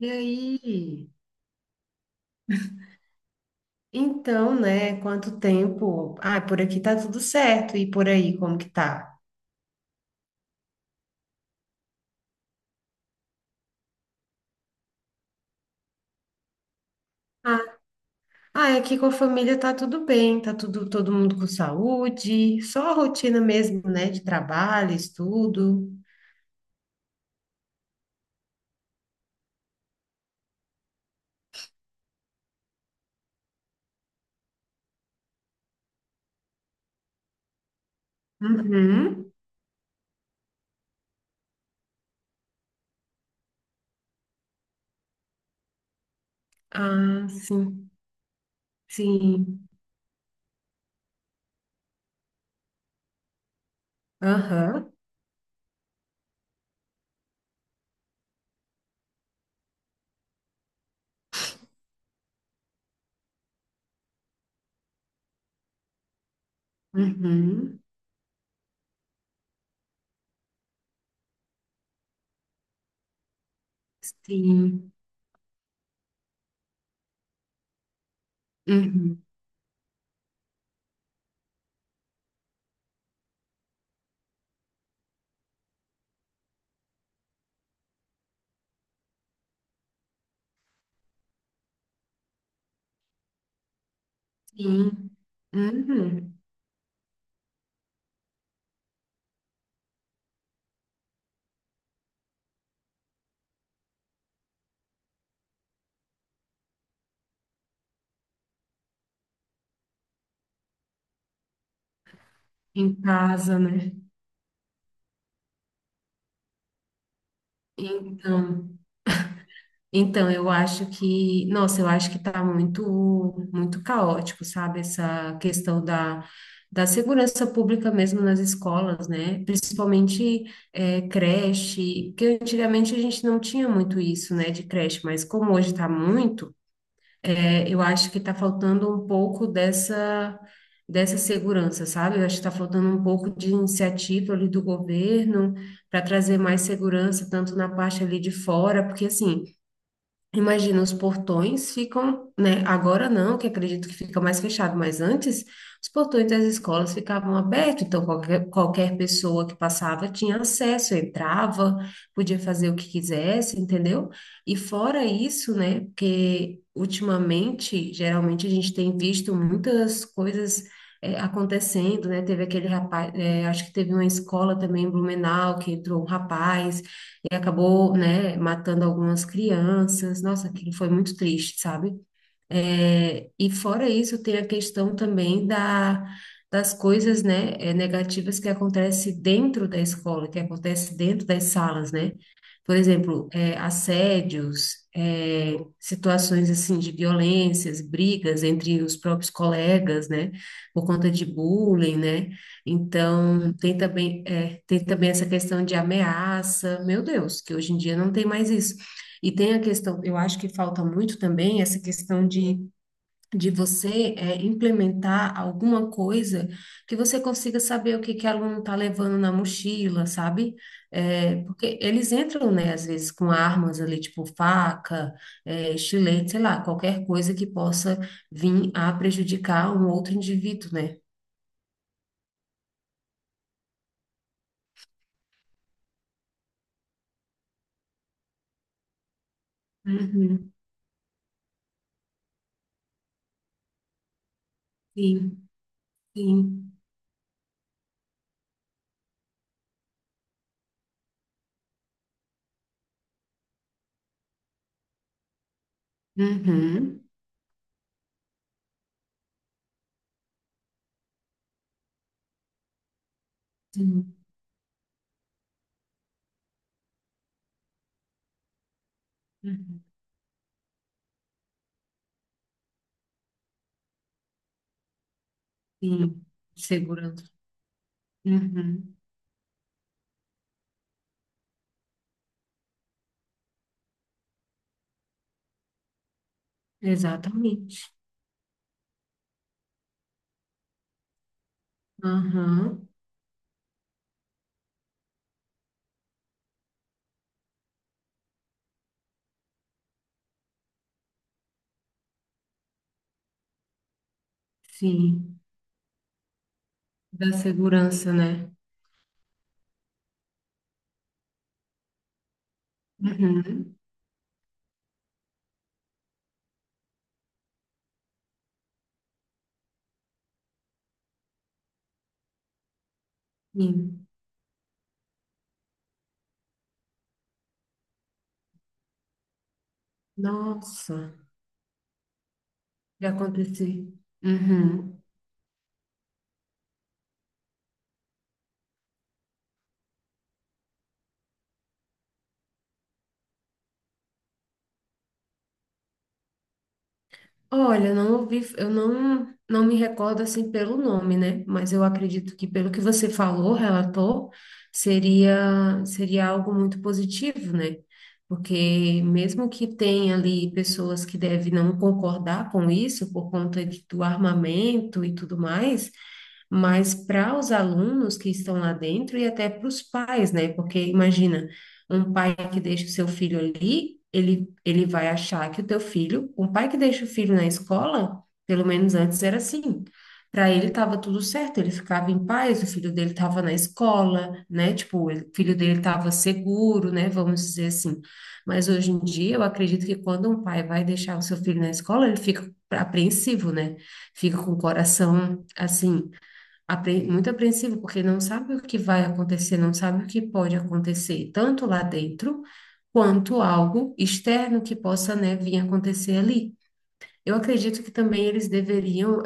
E aí? Então, né? Quanto tempo? Ah, por aqui tá tudo certo. E por aí, como que tá? Ah, ah, aqui com a família tá tudo bem, tá tudo, todo mundo com saúde, só a rotina mesmo, né? De trabalho, estudo. Uhum. Ah, sim, sim. Aham. Uhum. Sim. Uhum. Sim. Uhum. Em casa, né? Então. Então, eu acho que, nossa, eu acho que está muito, muito caótico, sabe? Essa questão da segurança pública mesmo nas escolas, né? Principalmente creche, porque antigamente a gente não tinha muito isso, né, de creche, mas como hoje está muito, eu acho que está faltando um pouco dessa, dessa segurança, sabe? Eu acho que está faltando um pouco de iniciativa ali do governo para trazer mais segurança, tanto na parte ali de fora, porque assim. Imagina, os portões ficam, né? Agora não, que acredito que fica mais fechado, mas antes os portões das escolas ficavam abertos, então qualquer, qualquer pessoa que passava tinha acesso, entrava, podia fazer o que quisesse, entendeu? E fora isso, né? Porque ultimamente, geralmente a gente tem visto muitas coisas acontecendo, né? Teve aquele rapaz, é, acho que teve uma escola também em Blumenau que entrou um rapaz e acabou, né, matando algumas crianças. Nossa, aquilo foi muito triste, sabe? É, e fora isso, tem a questão também da, das coisas, né, negativas que acontecem dentro da escola, que acontece dentro das salas, né? Por exemplo, assédios, situações assim de violências, brigas entre os próprios colegas, né? Por conta de bullying, né? Então, tem também, é, tem também essa questão de ameaça. Meu Deus, que hoje em dia não tem mais isso. E tem a questão, eu acho que falta muito também essa questão de você implementar alguma coisa que você consiga saber o que que o aluno está levando na mochila, sabe? É, porque eles entram, né, às vezes com armas ali, tipo faca, estilete, sei lá, qualquer coisa que possa vir a prejudicar um outro indivíduo, né? Uhum, sim, sim. Uhum, sim, uhum, sim. Segurança. Uhum, exatamente. Aham, sim. Da segurança, né? Uhum. Sim. Nossa, já aconteceu. Uhum. Olha, eu não ouvi, eu não, não me recordo assim pelo nome, né? Mas eu acredito que pelo que você falou, relatou, seria algo muito positivo, né? Porque mesmo que tenha ali pessoas que devem não concordar com isso por conta de- do armamento e tudo mais, mas para os alunos que estão lá dentro e até para os pais, né? Porque imagina, um pai que deixa o seu filho ali, ele vai achar que o teu filho, um pai que deixa o filho na escola, pelo menos antes era assim. Para ele estava tudo certo, ele ficava em paz, o filho dele estava na escola, né? Tipo, ele- o filho dele estava seguro, né? Vamos dizer assim. Mas hoje em dia, eu acredito que quando um pai vai deixar o seu filho na escola, ele fica apreensivo, né? Fica com o coração assim apre- muito apreensivo, porque não sabe o que vai acontecer, não sabe o que pode acontecer, tanto lá dentro, quanto algo externo que possa, né, vir acontecer ali. Eu acredito que também eles deveriam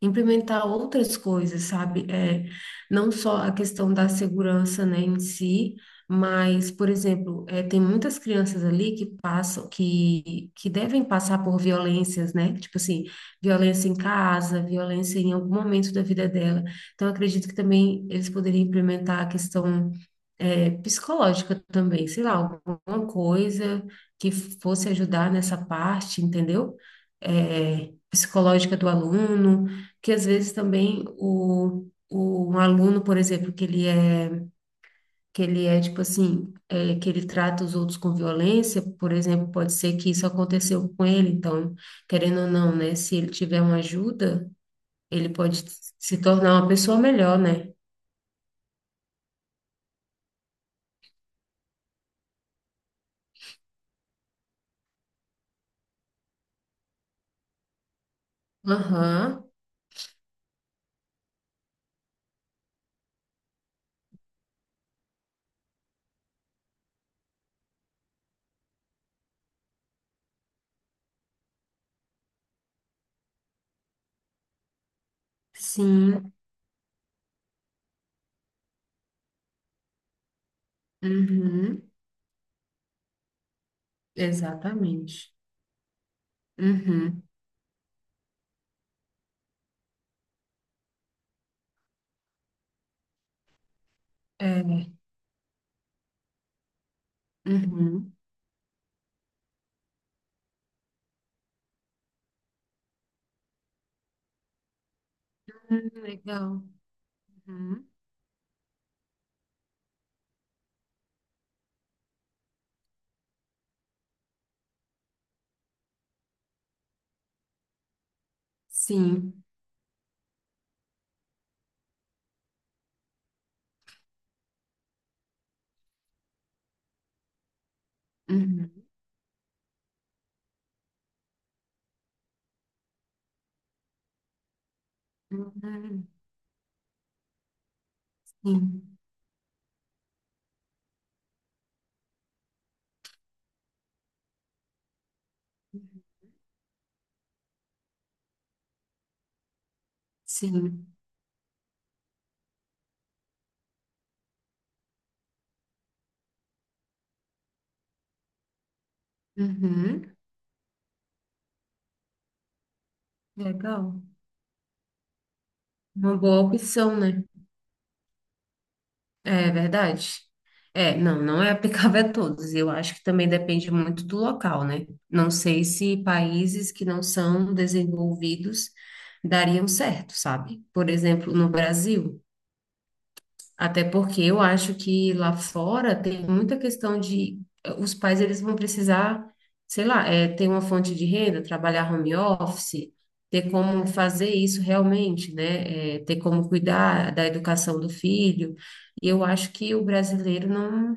implementar outras coisas, sabe? É, não só a questão da segurança, né, em si, mas, por exemplo, tem muitas crianças ali que passam, que devem passar por violências, né? Tipo assim, violência em casa, violência em algum momento da vida dela. Então, eu acredito que também eles poderiam implementar a questão psicológica também, sei lá, alguma coisa que fosse ajudar nessa parte, entendeu? É, psicológica do aluno, que às vezes também o um aluno, por exemplo, que ele é tipo assim, é, que ele trata os outros com violência, por exemplo, pode ser que isso aconteceu com ele, então, querendo ou não, né, se ele tiver uma ajuda, ele pode se tornar uma pessoa melhor, né? Aham, sim, uhum, exatamente. Uhum, é, uhum, hum, legal, uhum, sim, uhum, uhum, sim, sim. Uhum, legal. Uma boa opção, né? É verdade. É, não, não é aplicável a todos. Eu acho que também depende muito do local, né? Não sei se países que não são desenvolvidos dariam certo, sabe? Por exemplo, no Brasil. Até porque eu acho que lá fora tem muita questão de os pais eles vão precisar, sei lá, ter uma fonte de renda, trabalhar home office, ter como fazer isso realmente, né? É, ter como cuidar da educação do filho. E eu acho que o brasileiro não,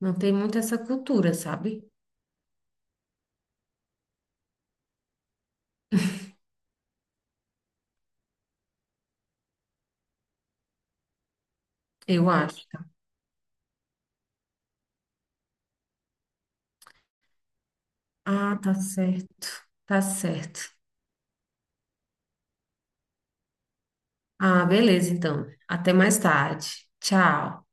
não tem muito essa cultura, sabe? Eu acho. Ah, tá certo. Tá certo. Ah, beleza, então. Até mais tarde. Tchau.